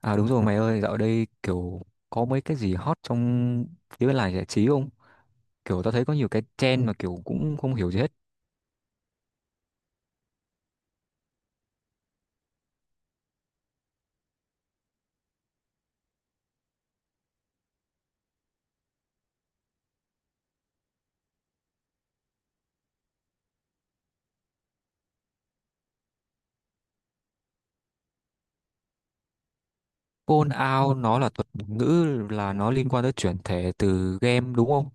À đúng rồi mày ơi, dạo đây kiểu có mấy cái gì hot trong phía bên làng giải trí không? Kiểu tao thấy có nhiều cái trend mà kiểu cũng không hiểu gì hết. Phone out nó là thuật ngữ là nó liên quan tới chuyển thể từ game đúng không?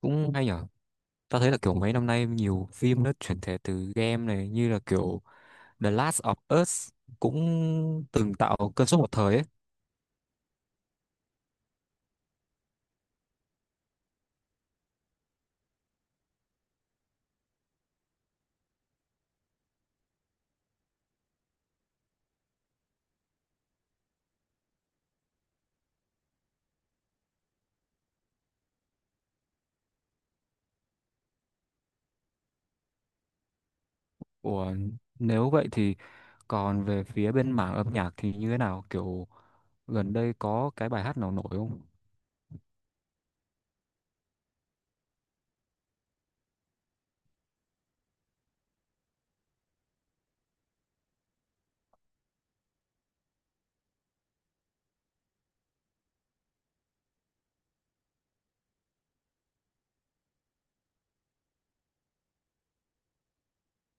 Cũng hay nhở. Tao thấy là kiểu mấy năm nay nhiều phim nó chuyển thể từ game này như là kiểu The Last of Us cũng từng tạo cơn sốt một thời ấy. Ủa, nếu vậy thì còn về phía bên mảng âm nhạc thì như thế nào? Kiểu gần đây có cái bài hát nào nổi không?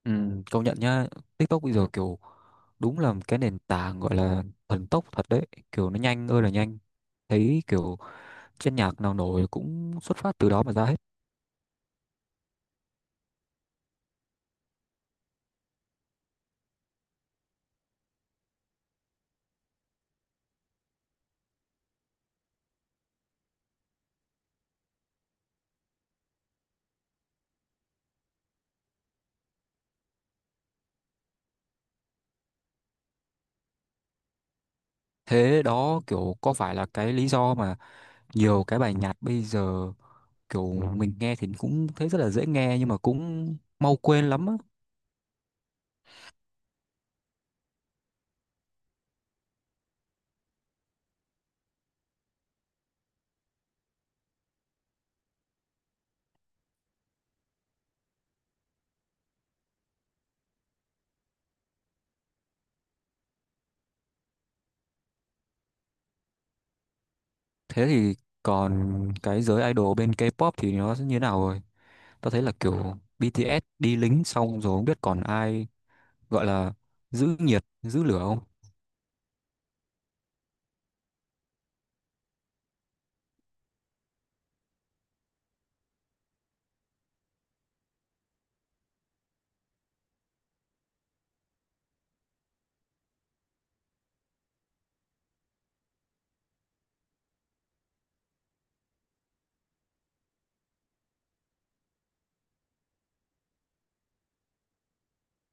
Ừ, công nhận nhá. TikTok bây giờ kiểu đúng là cái nền tảng gọi là thần tốc thật đấy, kiểu nó nhanh ơi là nhanh, thấy kiểu trên nhạc nào nổi cũng xuất phát từ đó mà ra hết. Thế đó kiểu có phải là cái lý do mà nhiều cái bài nhạc bây giờ kiểu mình nghe thì cũng thấy rất là dễ nghe nhưng mà cũng mau quên lắm á? Thế thì còn cái giới idol bên K-pop thì nó sẽ như thế nào rồi? Tao thấy là kiểu BTS đi lính xong rồi không biết còn ai gọi là giữ nhiệt giữ lửa không.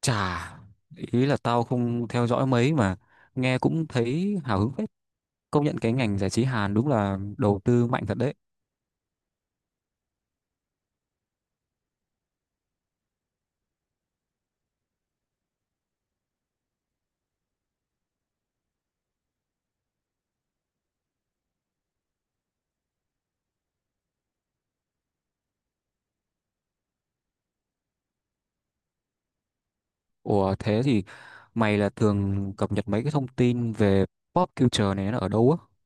Chà, ý là tao không theo dõi mấy mà nghe cũng thấy hào hứng phết. Công nhận cái ngành giải trí Hàn đúng là đầu tư mạnh thật đấy. Ủa thế thì mày là thường cập nhật mấy cái thông tin về pop culture này nó ở đâu á?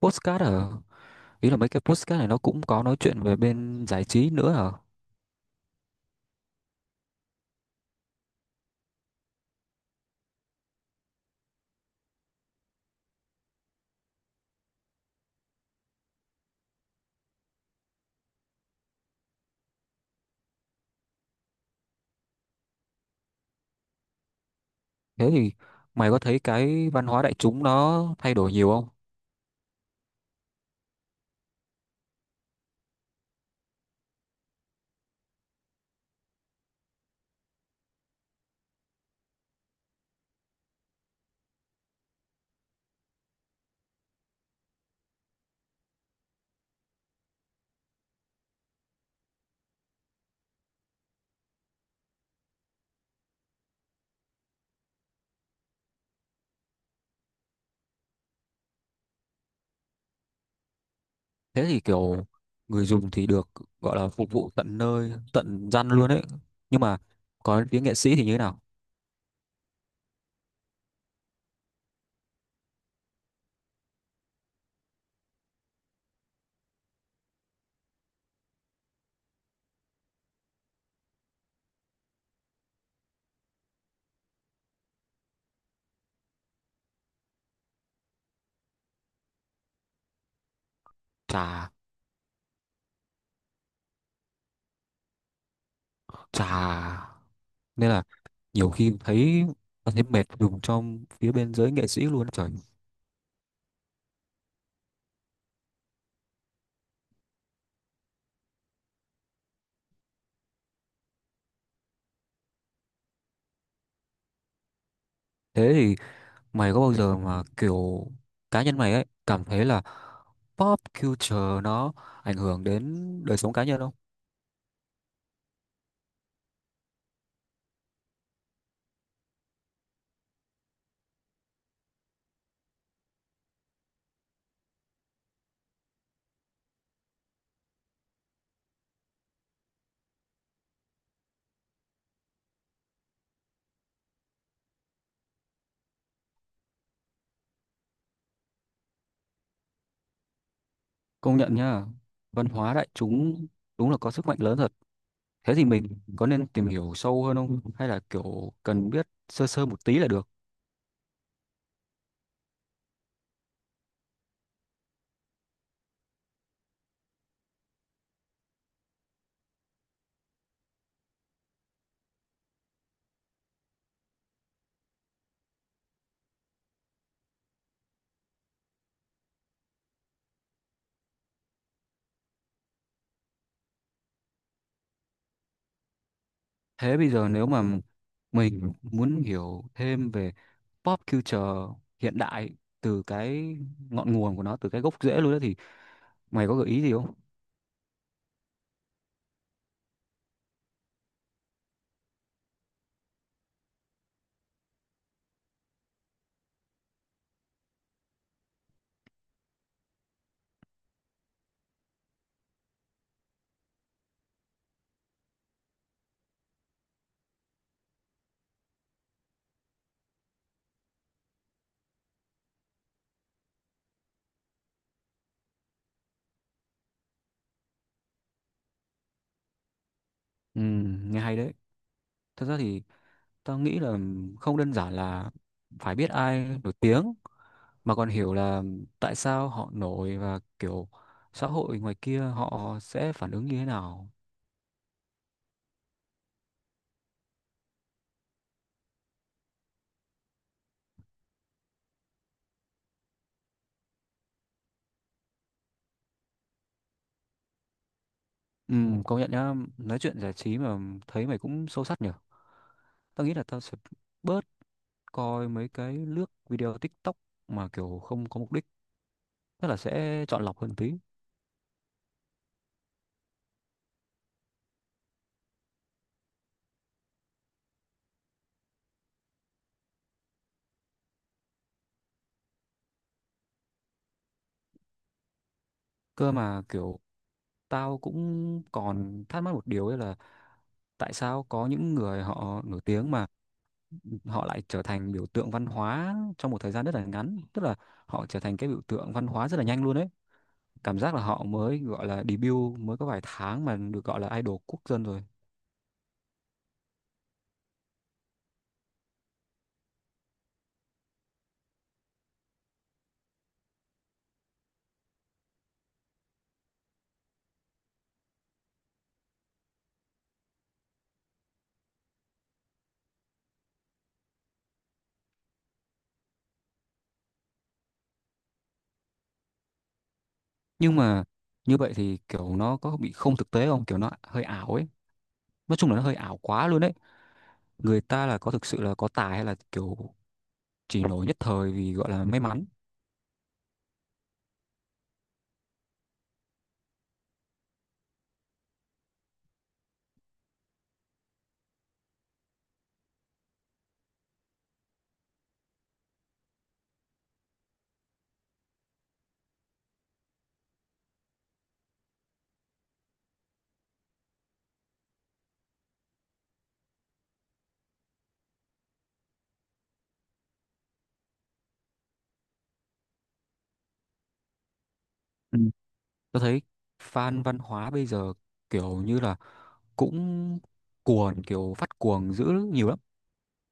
Podcast ở, ý là mấy cái podcast này nó cũng có nói chuyện về bên giải trí nữa hả? Thế thì mày có thấy cái văn hóa đại chúng nó thay đổi nhiều không? Thế thì kiểu người dùng thì được gọi là phục vụ tận nơi tận răn luôn ấy, nhưng mà có đến tiếng nghệ sĩ thì như thế nào? Chà. Chà, nên là nhiều khi thấy thấy mệt dùng trong phía bên giới nghệ sĩ luôn trời. Thế thì mày có bao giờ mà kiểu cá nhân mày ấy cảm thấy là pop culture nó ảnh hưởng đến đời sống cá nhân không? Công nhận nhá, văn hóa đại chúng đúng là có sức mạnh lớn thật. Thế thì mình có nên tìm hiểu sâu hơn không? Hay là kiểu cần biết sơ sơ một tí là được? Thế bây giờ nếu mà mình muốn hiểu thêm về pop culture hiện đại từ cái ngọn nguồn của nó, từ cái gốc rễ luôn đó thì mày có gợi ý gì không? Ừ, nghe hay đấy. Thật ra thì tao nghĩ là không đơn giản là phải biết ai nổi tiếng mà còn hiểu là tại sao họ nổi và kiểu xã hội ngoài kia họ sẽ phản ứng như thế nào. Ừ, công nhận nhá, nói chuyện giải trí mà thấy mày cũng sâu sắc nhở. Tao nghĩ là tao sẽ bớt coi mấy cái lướt video TikTok mà kiểu không có mục đích, tức là sẽ chọn lọc hơn tí. Cơ mà kiểu tao cũng còn thắc mắc một điều ấy là tại sao có những người họ nổi tiếng mà họ lại trở thành biểu tượng văn hóa trong một thời gian rất là ngắn, tức là họ trở thành cái biểu tượng văn hóa rất là nhanh luôn ấy. Cảm giác là họ mới gọi là debut mới có vài tháng mà được gọi là idol quốc dân rồi. Nhưng mà như vậy thì kiểu nó có bị không thực tế không, kiểu nó hơi ảo ấy, nói chung là nó hơi ảo quá luôn ấy. Người ta là có thực sự là có tài hay là kiểu chỉ nổi nhất thời vì gọi là may mắn? Ừ. Tôi thấy fan văn hóa bây giờ kiểu như là cũng cuồng, kiểu phát cuồng dữ nhiều lắm,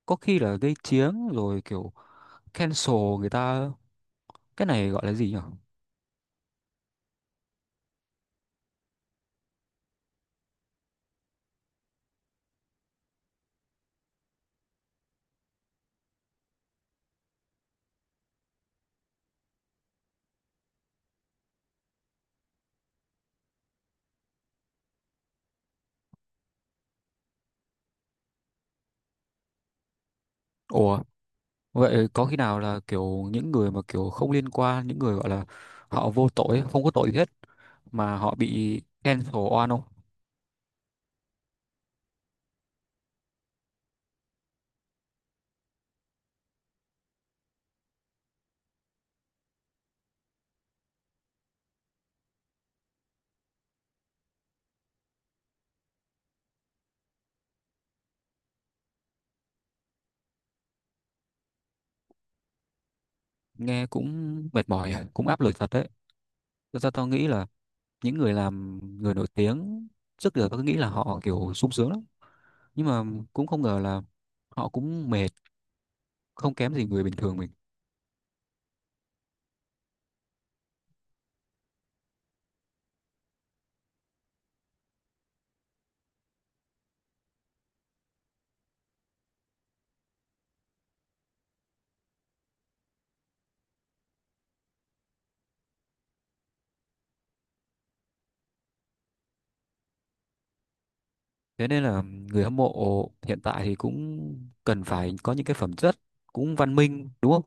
có khi là gây chiến rồi kiểu cancel người ta. Cái này gọi là gì nhỉ? Ủa vậy có khi nào là kiểu những người mà kiểu không liên quan, những người gọi là họ vô tội không có tội gì hết mà họ bị cancel oan không? Nghe cũng mệt mỏi, à, cũng áp lực thật đấy. Thật ra tao nghĩ là những người làm người nổi tiếng trước giờ tao cứ nghĩ là họ kiểu sung sướng lắm, nhưng mà cũng không ngờ là họ cũng mệt, không kém gì người bình thường mình. Thế nên là người hâm mộ hiện tại thì cũng cần phải có những cái phẩm chất cũng văn minh đúng không?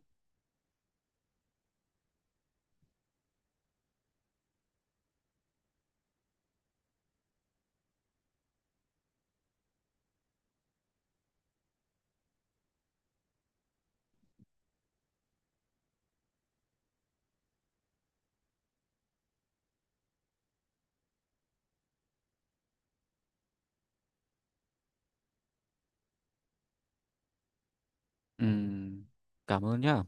Ừm, cảm ơn nhá.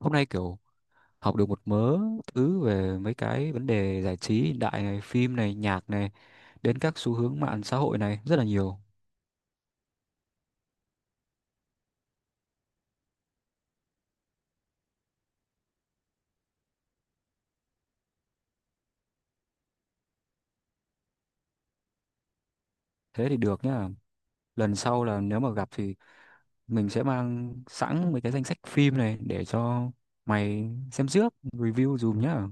Hôm nay kiểu học được một mớ thứ về mấy cái vấn đề giải trí hiện đại này, phim này, nhạc này, đến các xu hướng mạng xã hội này rất là nhiều. Thế thì được nhá. Lần sau là nếu mà gặp thì mình sẽ mang sẵn mấy cái danh sách phim này để cho mày xem trước, review dùm nhá.